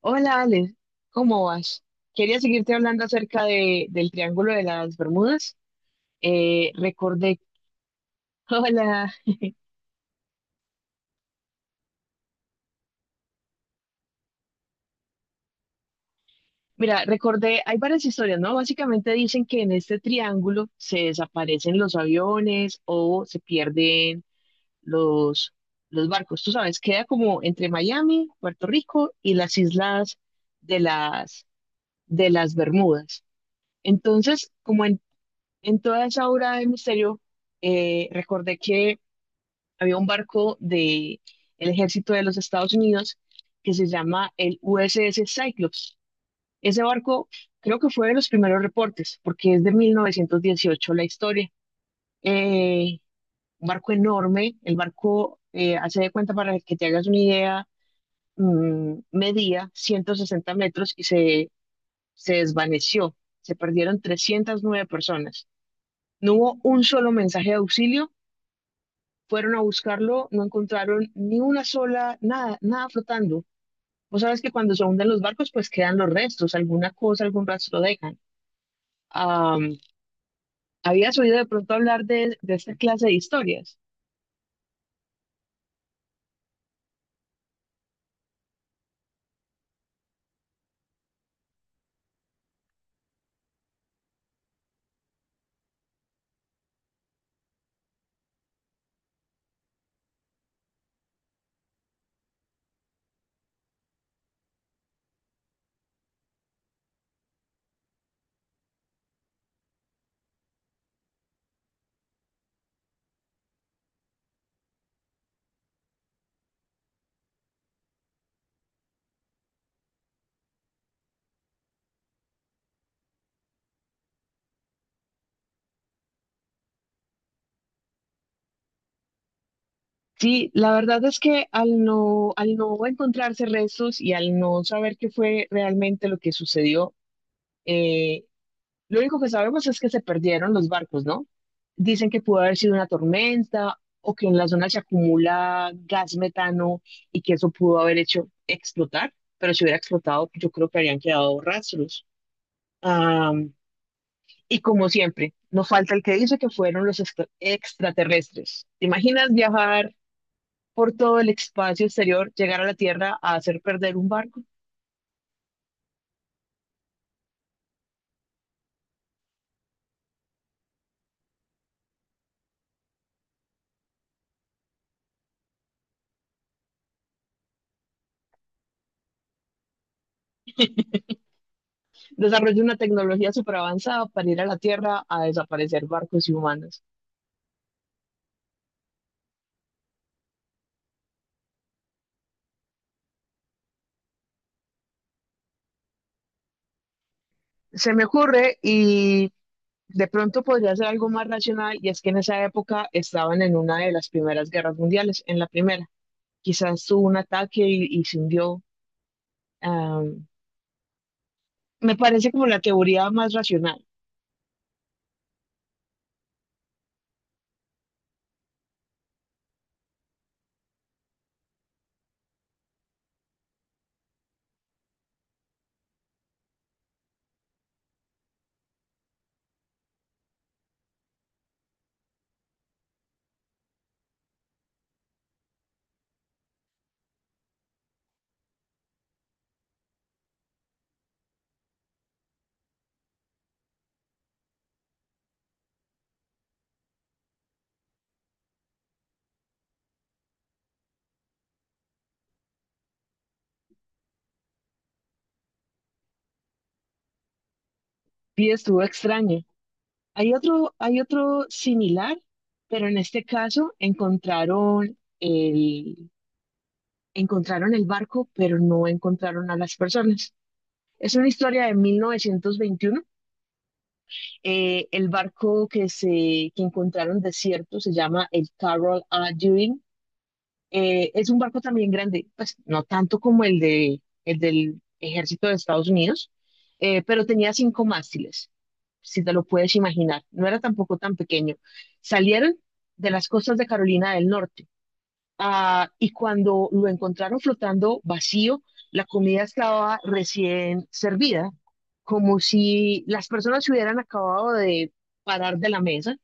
Hola Ale, ¿cómo vas? Quería seguirte hablando acerca del Triángulo de las Bermudas. Eh, recordé, hola, mira, recordé, hay varias historias, ¿no? Básicamente dicen que en este triángulo se desaparecen los aviones o se pierden los, los barcos. Tú sabes, queda como entre Miami, Puerto Rico y las islas de las, de las Bermudas. Entonces, en toda esa obra de misterio, recordé que había un barco del ejército de los Estados Unidos que se llama el USS Cyclops. Ese barco creo que fue de los primeros reportes, porque es de 1918 la historia. Eh, un barco enorme, el barco, hace de cuenta para que te hagas una idea, medía 160 metros se desvaneció. Se perdieron 309 personas. No hubo un solo mensaje de auxilio, fueron a buscarlo, no encontraron ni una sola, nada, nada flotando. Vos sabes que cuando se hunden los barcos, pues quedan los restos, alguna cosa, algún rastro dejan. Am, ¿Habías oído de pronto hablar de esta clase de historias? Sí, la verdad es que al no encontrarse restos y al no saber qué fue realmente lo que sucedió, eh, lo único que sabemos es que se perdieron los barcos, ¿no? Dicen que pudo haber sido una tormenta o que en la zona se acumula gas metano y que eso pudo haber hecho explotar, pero si hubiera explotado, yo creo que habrían quedado rastros. Am, y como siempre, no falta el que dice que fueron los extraterrestres. ¿Te imaginas viajar por todo el espacio exterior, llegar a la Tierra a hacer perder un barco? Desarrolla una tecnología superavanzada para ir a la Tierra a desaparecer barcos y humanos. Se me ocurre y de pronto podría ser algo más racional, y es que en esa época estaban en una de las primeras guerras mundiales, en la primera. Quizás tuvo un ataque y se hundió. Am, me parece como la teoría más racional, y estuvo extraña. Hay otro similar, pero en este caso encontraron encontraron el barco, pero no encontraron a las personas. Es una historia de 1921. El barco que encontraron desierto se llama el Carroll A. Dewing. Es un barco también grande, pues no tanto como el del ejército de Estados Unidos, pero tenía cinco mástiles, si te lo puedes imaginar. No era tampoco tan pequeño. Salieron de las costas de Carolina del Norte. Y cuando lo encontraron flotando vacío, la comida estaba recién servida, como si las personas se hubieran acabado de parar de la mesa,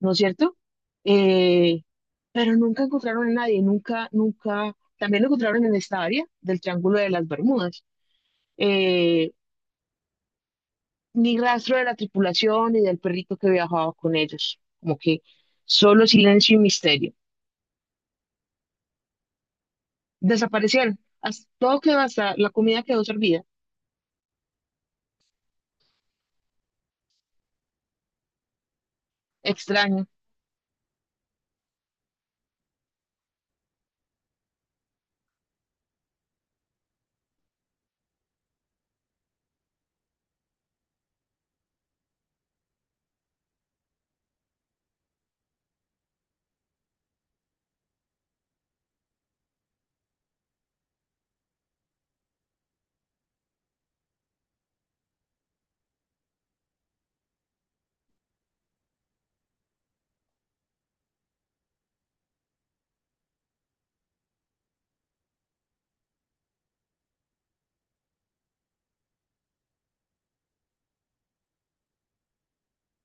¿no es cierto? Eh, pero nunca encontraron a nadie, nunca, nunca, también lo encontraron en esta área del Triángulo de las Bermudas. Eh, ni rastro de la tripulación ni del perrito que viajaba con ellos, como que solo silencio y misterio. Desaparecieron. Todo quedó, hasta la comida quedó servida. Extraño.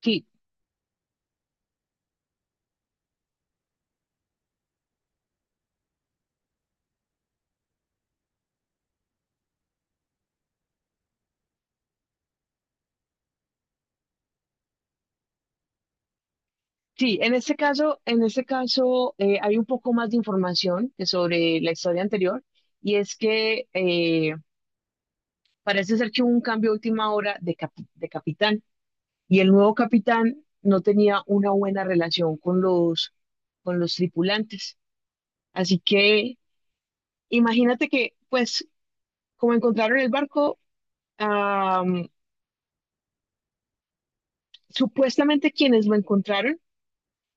Sí, sí, en este caso, en este caso, hay un poco más de información que sobre la historia anterior, y es que parece ser que hubo un cambio a última hora de capitán, y el nuevo capitán no tenía una buena relación con los tripulantes. Así que imagínate que, pues, como encontraron el barco, am, supuestamente quienes lo encontraron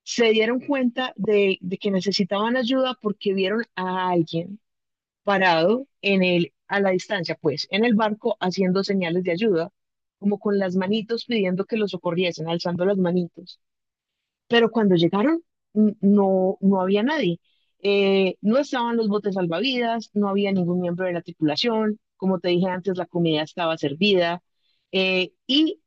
se dieron cuenta de que necesitaban ayuda porque vieron a alguien parado en a la distancia, pues, en el barco haciendo señales de ayuda, como con las manitos pidiendo que los socorriesen, alzando las manitos. Pero cuando llegaron, no había nadie. No estaban los botes salvavidas, no había ningún miembro de la tripulación, como te dije antes, la comida estaba servida. eh, y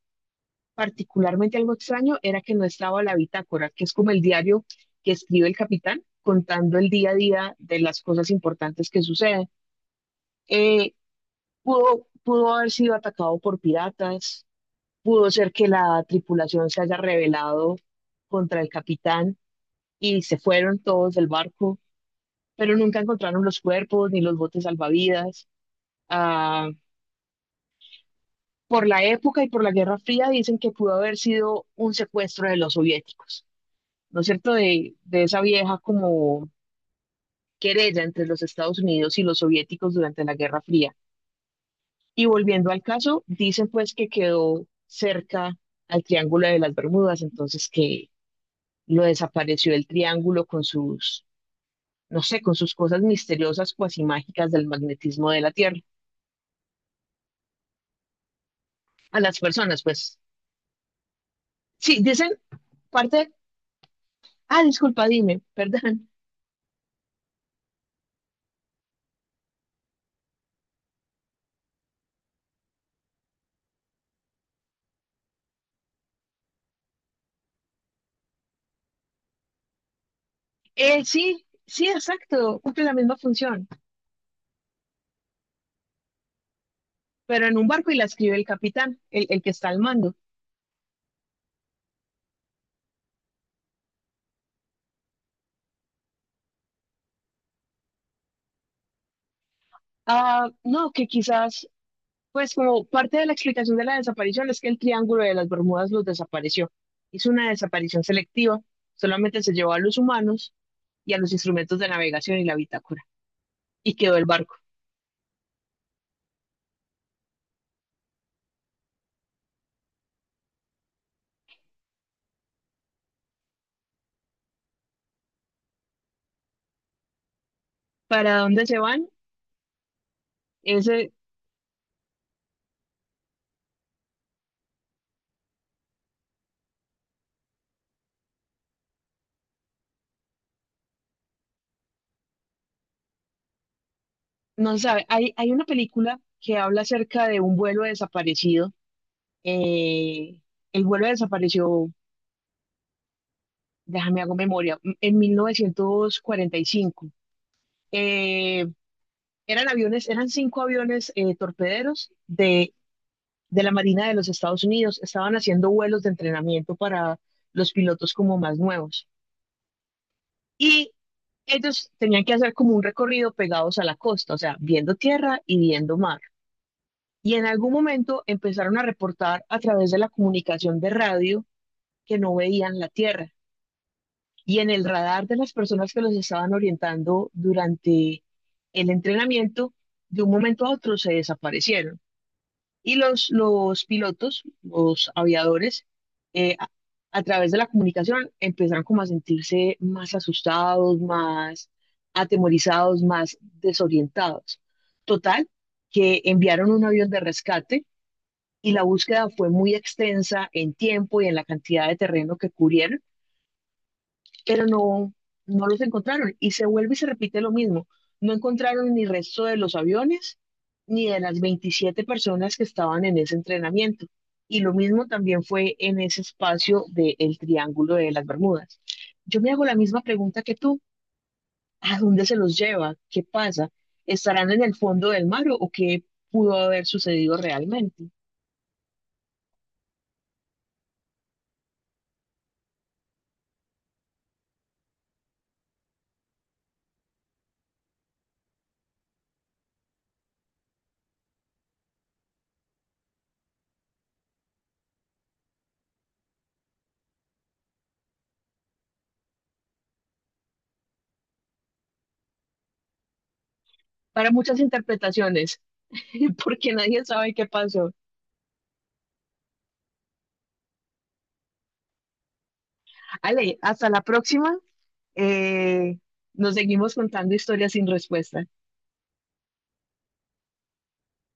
Particularmente algo extraño era que no estaba la bitácora, que es como el diario que escribe el capitán contando el día a día de las cosas importantes que suceden. Eh, pudo haber sido atacado por piratas, pudo ser que la tripulación se haya rebelado contra el capitán y se fueron todos del barco, pero nunca encontraron los cuerpos ni los botes salvavidas. Ah, por la época y por la Guerra Fría dicen que pudo haber sido un secuestro de los soviéticos. ¿No es cierto?, de esa vieja como querella entre los Estados Unidos y los soviéticos durante la Guerra Fría. Y volviendo al caso, dicen pues que quedó cerca al Triángulo de las Bermudas, entonces que lo desapareció el triángulo con sus, no sé, con sus cosas misteriosas, cuasi mágicas del magnetismo de la Tierra. A las personas, pues, sí, dicen parte, ah, disculpa, dime, perdón. Sí, sí, exacto, cumple la misma función. Pero en un barco, y la escribe el capitán, el que está al mando. Ah, no, que quizás, pues como parte de la explicación de la desaparición es que el Triángulo de las Bermudas los desapareció. Hizo una desaparición selectiva, solamente se llevó a los humanos y a los instrumentos de navegación y la bitácora, y quedó el barco. ¿Para dónde se van? Ese no se sabe. Hay una película que habla acerca de un vuelo desaparecido. eh, el vuelo desapareció, déjame hago memoria, en 1945. Eh, eran aviones, eran cinco aviones, torpederos de la Marina de los Estados Unidos. Estaban haciendo vuelos de entrenamiento para los pilotos como más nuevos. Y ellos tenían que hacer como un recorrido pegados a la costa, o sea, viendo tierra y viendo mar. Y en algún momento empezaron a reportar a través de la comunicación de radio que no veían la tierra. Y en el radar de las personas que los estaban orientando durante el entrenamiento, de un momento a otro se desaparecieron. Y los pilotos, los aviadores, eh, a, a través de la comunicación empezaron como a sentirse más asustados, más atemorizados, más desorientados. Total, que enviaron un avión de rescate, y la búsqueda fue muy extensa en tiempo y en la cantidad de terreno que cubrieron, pero no, no los encontraron. Y se vuelve y se repite lo mismo. No encontraron ni resto de los aviones, ni de las 27 personas que estaban en ese entrenamiento. Y lo mismo también fue en ese espacio del Triángulo de las Bermudas. Yo me hago la misma pregunta que tú. ¿A dónde se los lleva? ¿Qué pasa? ¿Estarán en el fondo del mar o qué pudo haber sucedido realmente? Para muchas interpretaciones, porque nadie sabe qué pasó. Ale, hasta la próxima. Eh, nos seguimos contando historias sin respuesta.